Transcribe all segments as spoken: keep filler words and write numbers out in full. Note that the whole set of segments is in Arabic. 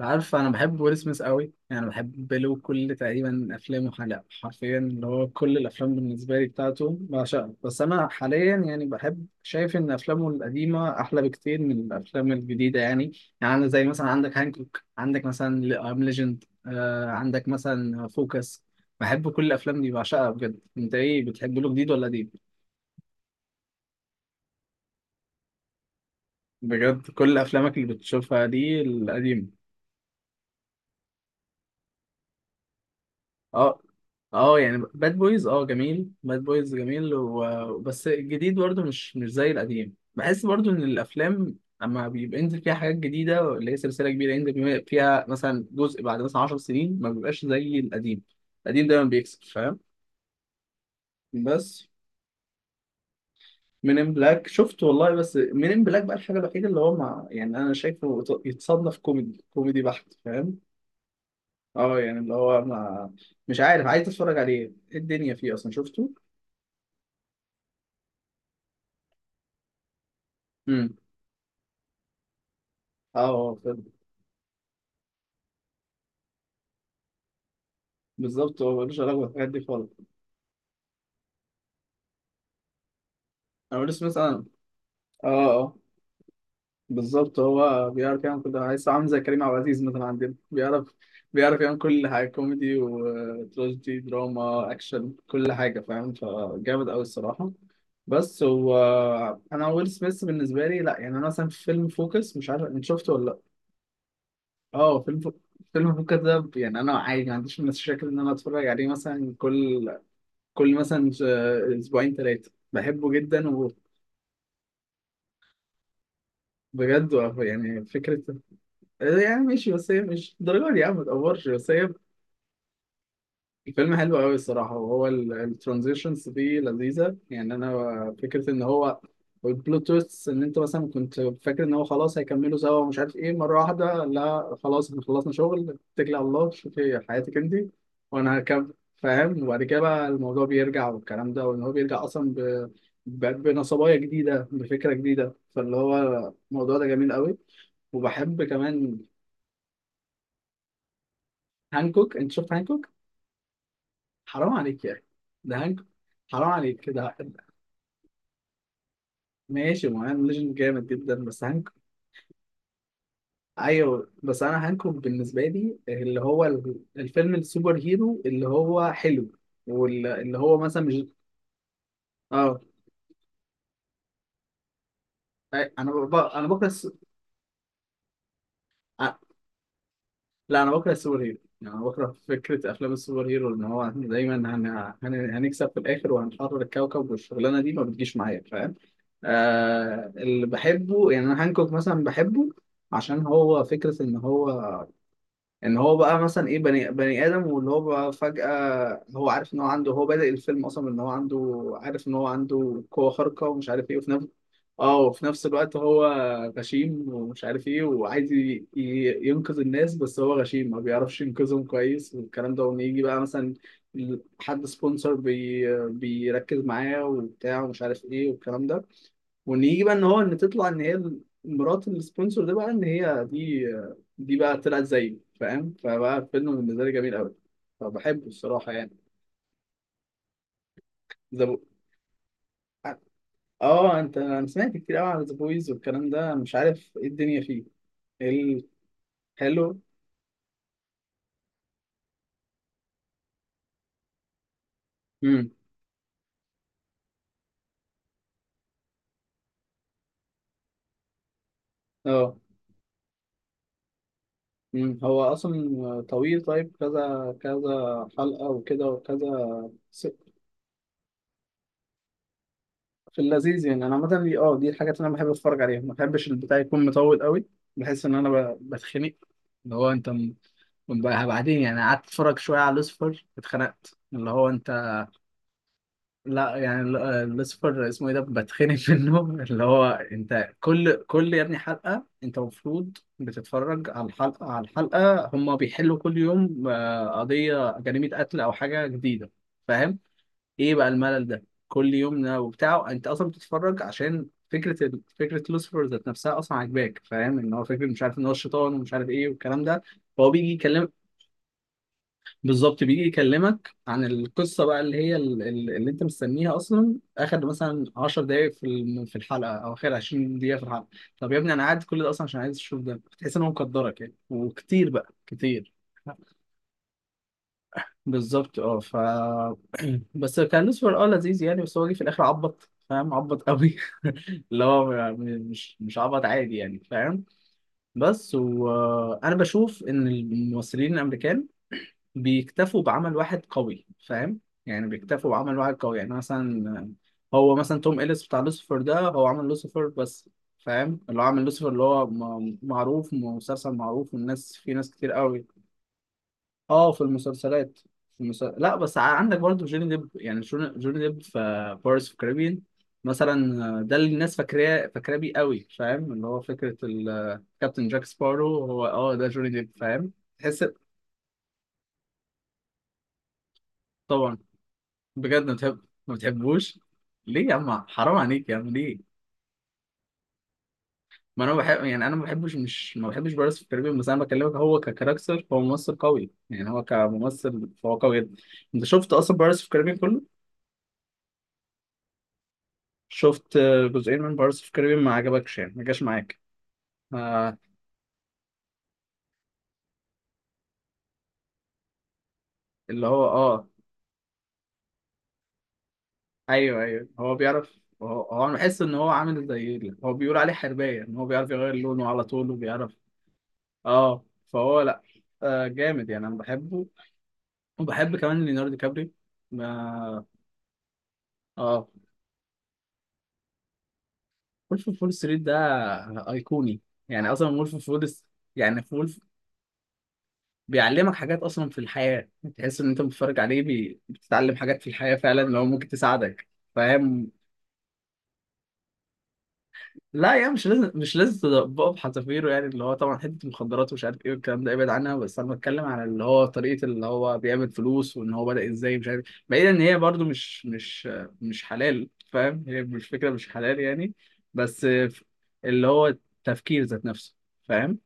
عارف، انا بحب ويل سميث قوي. يعني بحب له كل تقريبا افلامه، حلقة، حرفيا اللي هو كل الافلام بالنسبه لي بتاعته بعشقها. بس انا حاليا يعني بحب، شايف ان افلامه القديمه احلى بكتير من الافلام الجديده يعني. يعني أنا زي مثلا عندك هانكوك، عندك مثلا ام ليجند، آه عندك مثلا فوكس. بحب كل الافلام دي بعشقها بجد. انت ايه بتحب له، جديد ولا قديم؟ بجد كل افلامك اللي بتشوفها دي القديمه؟ اه. اه يعني باد بويز، اه جميل، باد بويز جميل، و... بس الجديد برضو مش مش زي القديم. بحس برضو ان الافلام لما بيبقى ينزل فيها حاجات جديده، اللي هي سلسله كبيره ينزل بيها- فيها مثلا جزء بعد مثلا 10 سنين، ما بيبقاش زي القديم. القديم دايما بيكسب، فاهم؟ بس من ان بلاك شفته والله، بس من ان بلاك بقى الحاجه الوحيده اللي هو مع، يعني انا شايفه يت- يتصنف كوميدي كوميدي بحت، فاهم؟ اه يعني اللي هو ما، مش عارف، عايز اتفرج عليه، ايه الدنيا فيه، اصلا شفته. اه هو فيلم. بالظبط، هو ملوش علاقة بالحاجات دي خالص. انا بقول مثلا. اه، اه، بالظبط هو بيعرف يعمل كل ده. عايز، عامل زي كريم عبد العزيز مثلا عندنا، بيعرف، بيعرف يعمل كل حاجة، كوميدي وتراجيدي، دراما، أكشن، كل حاجة، فاهم؟ فجامد أوي الصراحة. بس هو، أنا ويل سميث بالنسبة لي لأ. يعني أنا مثلا في فيلم فوكس، مش عارف أنت شفته ولا لأ. اه فيلم فو- فيلم فوكس ده، يعني أنا عادي ما عنديش مشاكل إن أنا أتفرج عليه مثلا كل، كل مثلا ش- اسبوعين ثلاثه، بحبه جدا. وبجد، يعني فكره، يعني ماشي، بس هي مش الدرجه دي يا عم، ما تقفرش، بس هي. الفيلم حلو قوي الصراحة. وهو الترانزيشنز دي لذيذة، يعني أنا فكرة إن هو، والبلوت تويست إن أنت مثلا كنت فاكر إن هو خلاص هيكملوا سوا ومش عارف إيه، مرة واحدة لا، خلاص إحنا خلصنا شغل، اتكلي على الله، شوفي حياتك أنت وأنا هكمل، فاهم؟ وبعد كده بقى الموضوع بيرجع والكلام ده، وإن هو بيرجع أصلا ب... ب... بنصبايا جديدة، بفكرة جديدة. فاللي هو، الموضوع ده جميل قوي. وبحب كمان. هانكوك. أنت شفت هانكوك؟ حرام عليك يا أخي. ده هانكوك. حرام عليك كده. ماشي، ما انا ليجند جامد جدا، بس هانك ايوه، بس انا هانكوك بالنسبه لي اللي هو ال- الفيلم السوبر هيرو اللي هو حلو، واللي هو مثلا مش، اه أي- انا ب... انا بكره الس... آه، لا، انا بكره السوبر هيرو. يعني انا بكره فكره افلام السوبر هيرو، ان هو دايما هن... هن... هنكسب في الاخر وهنحرر الكوكب، والشغلانه دي ما بتجيش معايا، فاهم؟ آه... اللي بحبه، يعني انا هانكوك مثلا بحبه عشان هو فكره ان هو، ان هو بقى مثلا، ايه، بني, بني ادم، واللي هو بقى فجأة هو عارف ان هو عنده، هو بادئ الفيلم اصلا ان هو عنده، عارف ان هو عنده قوة خارقة، ومش عارف ايه، وفي نفس اه وفي نفس الوقت هو غشيم، ومش عارف ايه، وعايز ي- ي- ينقذ الناس، بس هو غشيم ما بيعرفش ينقذهم كويس والكلام ده، وان يجي بقى مثلا حد سبونسر بي بيركز معاه وبتاع ومش عارف ايه والكلام ده، ونيجي بقى ان هو، ان تطلع ان هي مرات السبونسر ده، بقى ان هي دي دي بقى طلعت زيه، فاهم؟ فبقى فيلم بالنسبه لي جميل قوي. فبحبه الصراحه يعني. ذا بو... اه، انت، انا سمعت كتير قوي عن ذا بويز والكلام ده، مش عارف ايه الدنيا فيه. ايه؟ الحلو. امم. اه. امم هو اصلا طويل؟ طيب كذا كذا حلقه وكده وكذا س- في اللذيذ. يعني انا عامه دي اه دي الحاجات اللي انا بحب اتفرج عليها، ما بحبش البتاع يكون مطول قوي. بحس ان انا ب- بتخنق. اللي هو انت م... بقى بعدين، يعني قعدت اتفرج شويه على لوسيفر، اتخنقت. اللي هو انت، لا، يعني ال- آه، لوسيفر اسمه ايه ده، بتخنق منه. اللي هو انت كل كل يا ابني، حلقه انت المفروض بتتفرج على الحلقه، على الحلقه هم بيحلوا كل يوم آه، قضيه جريمه قتل او حاجه جديده. ايه بقى الملل ده كل يوم وبتاعه؟ انت اصلا بتتفرج عشان فكره ال... فكره لوسيفر ذات نفسها اصلا عاجباك، فاهم؟ ان هو فكره، مش عارف، ان هو الشيطان ومش عارف ايه والكلام ده، فهو بيجي يكلمك. بالظبط، بيجي يكلمك عن القصه بقى اللي هي ال- ال- اللي انت مستنيها اصلا اخر مثلا 10 دقائق في الم- في الحلقه، او اخر 20 دقيقه في الحلقه. طب يا ابني، انا قاعد كل ده اصلا عشان عايز اشوف ده. بتحس ان هو مقدرك يعني، وكتير بقى كتير. بالظبط. اه ف بس كان لوسيفر اه لذيذ يعني، بس هو جه في الاخر عبط، فاهم؟ عبط قوي اللي هو، م- مش مش عبط عادي يعني، فاهم؟ بس، وانا بشوف ان الممثلين الامريكان بيكتفوا بعمل واحد قوي، فاهم؟ يعني بيكتفوا بعمل واحد قوي، يعني مثلا هو مثلا توم إليس بتاع لوسيفر ده، هو عمل لوسيفر بس، فاهم؟ اللي هو عمل لوسيفر اللي هو م- معروف، مسلسل معروف والناس، في ناس كتير قوي. اه في المسلسلات، في المسل... لا، بس ع- عندك برضه جوني ديب. يعني جون- جوني ديب في بارس في كاريبيان مثلا، آه، ده اللي الناس فاكراه فاكراه بيه قوي، فاهم؟ اللي هو فكره ال- كابتن جاك سبارو، هو اه ده جوني ديب، فاهم؟ تحس. طبعا. بجد ما بتحب؟ ما بتحبوش. ليه يا عم؟ حرام عليك يا عم. ليه؟ ما انا بحب، يعني انا ما بحبش، مش ما بحبش بارس في كاريبيان. بس انا بكلمك، هو ككاركتر، هو ممثل قوي، يعني هو كممثل فهو قوي جدا. انت شفت اصلا بارس في كاريبيان كله؟ شفت؟ جزئين من بارس في كاريبيان؟ ما عجبكش يعني، ما جاش معاك؟ آه. اللي هو اه. ايوه، ايوه، هو بيعرف. هو هو انا بحس ان هو عامل زي ال- هو بيقول عليه حربايه، ان هو بيعرف يغير لونه على طول وبيعرف. اه فهو لا، آه جامد، يعني انا بحبه. وبحب كمان ليوناردو كابري. ما اه وولف اوف وول ستريت ده ايقوني. يعني اصلا وولف اوف وول، يعني في وولف، بيعلمك حاجات اصلا في الحياه. تحس ان انت بتتفرج عليه بي... بتتعلم حاجات في الحياه فعلا، لو ممكن تساعدك، فاهم؟ لا يعني مش لازم، مش لازم بقى بحذافيره. يعني اللي هو طبعا حته مخدرات ومش عارف ايه والكلام ده ابعد عنها، بس انا بتكلم على اللي هو طريقه اللي هو بيعمل فلوس وان هو بدأ ازاي، مش عارف، بعيدا ان هي برضو مش مش مش حلال، فاهم؟ هي مش، فكره، مش حلال يعني، بس اللي هو التفكير ذات نفسه، فاهم؟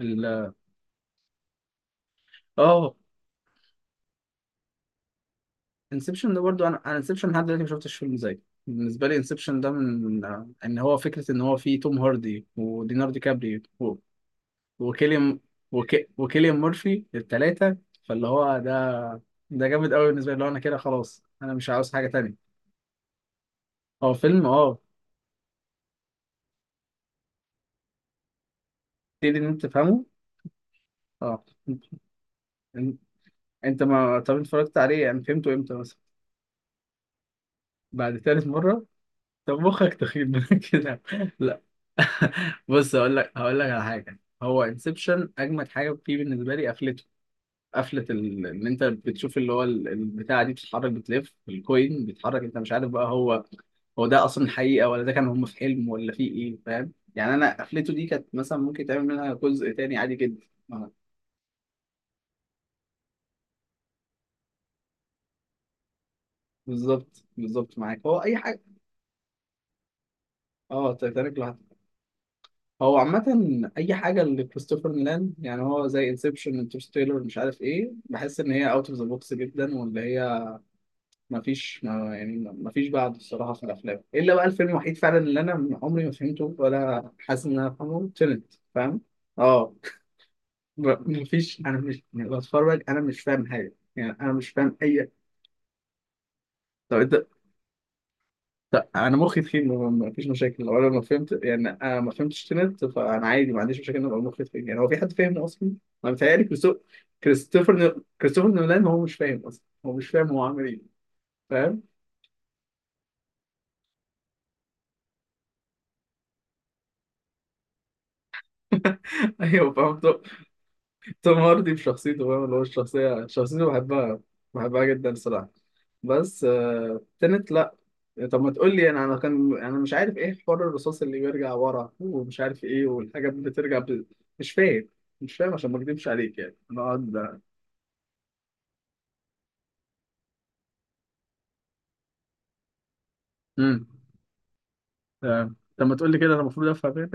ال- اه انسبشن ده برضو، انا انا انسبشن لحد دلوقتي ما شفتش فيلم زيه. بالنسبه لي انسبشن ده من، ان هو فكره ان هو فيه توم هاردي ودينارdo دي كابري وكيليان، وك... وكيليان مورفي التلاتة. فاللي هو ده، ده جامد قوي بالنسبة لي، اللي هو انا كده خلاص، انا مش عاوز حاجة تانية. هو فيلم اه تبتدي ان انت تفهمه. اه. إن- انت ما طب أنت اتفرجت عليه، يعني فهمته امتى مثلا؟ بعد تالت مرة. طب مخك تخيب من كده. لا. بص، هقول لك هقول لك على حاجة، هو انسبشن اجمد حاجة فيه بالنسبة لي قفلته. قفله ال- ان انت بتشوف اللي هو ال- البتاعه دي بتتحرك، بتلف الكوين، بيتحرك، انت مش عارف بقى هو، هو ده اصلا حقيقه ولا ده كان هم في حلم، ولا في ايه، فاهم؟ يعني انا قفلته دي كانت مثلا ممكن تعمل منها جزء تاني عادي جدا آه، بالظبط، بالظبط معاك، هو اي حاجه. اه، تitanic لوحده. هو عامة أي حاجة لكريستوفر نولان يعني، هو زي انسبشن، انترستيلر، مش عارف ايه، بحس إن هي اوت اوف ذا بوكس جدا، وإن هي، ما فيش، ما يعني ما فيش بعد، الصراحه، في الافلام الا بقى الفيلم الوحيد فعلا اللي انا عمري ما فهمته ولا حاسس ان انا فاهمه تنت، فاهم؟ اه. ب- ما فيش، انا مش، يعني بتفرج انا مش فاهم حاجه، يعني انا مش فاهم اي. طب انت، طب انا مخي تخين، ما ما فيش مشاكل لو انا ما فهمت يعني، انا ما فهمتش تنت، فانا عادي ما عنديش مشاكل ان ابقى مخي تخين. يعني هو في حد فاهمه اصلا؟ انا متهيألي كريستو- كريستوفر نو- كريستوفر نولان هو مش فاهم اصلا، هو مش فاهم هو عامل ايه، فاهم؟ ايوه، فهمت. توم هاردي بشخصيته، فاهم؟ اللي هو الشخصية شخصيته بحبها، بحبها جدا الصراحة. بس آه... تنت لا. طب ما تقول لي انا انا كان انا مش عارف ايه حوار الرصاص اللي بيرجع ورا ومش عارف ايه والحاجات بترجع ب... مش فاهم، مش فاهم عشان ما اكدبش عليك، يعني انا اقعد. امم. تمام. طب ما تقول لي كده انا المفروض افهم ايه؟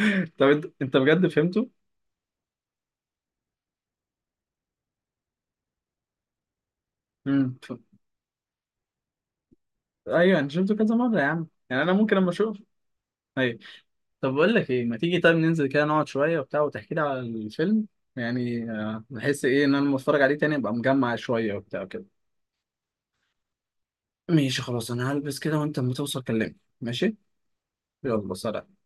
طب، انت انت بجد فهمته؟ امم. ف- ايوه انا شفته كذا مرة يا عم، يعني انا ممكن اما اشوف. ايوه. طب بقول لك ايه، ما تيجي طيب ننزل كده نقعد شويه وبتاع، وتحكي لي على الفيلم، يعني آه، بحس ايه ان انا لما اتفرج عليه تاني ابقى مجمع شويه وبتاع كده. ماشي خلاص، انا هلبس كده وانت لما توصل كلمني. ماشي. يلا، سلام.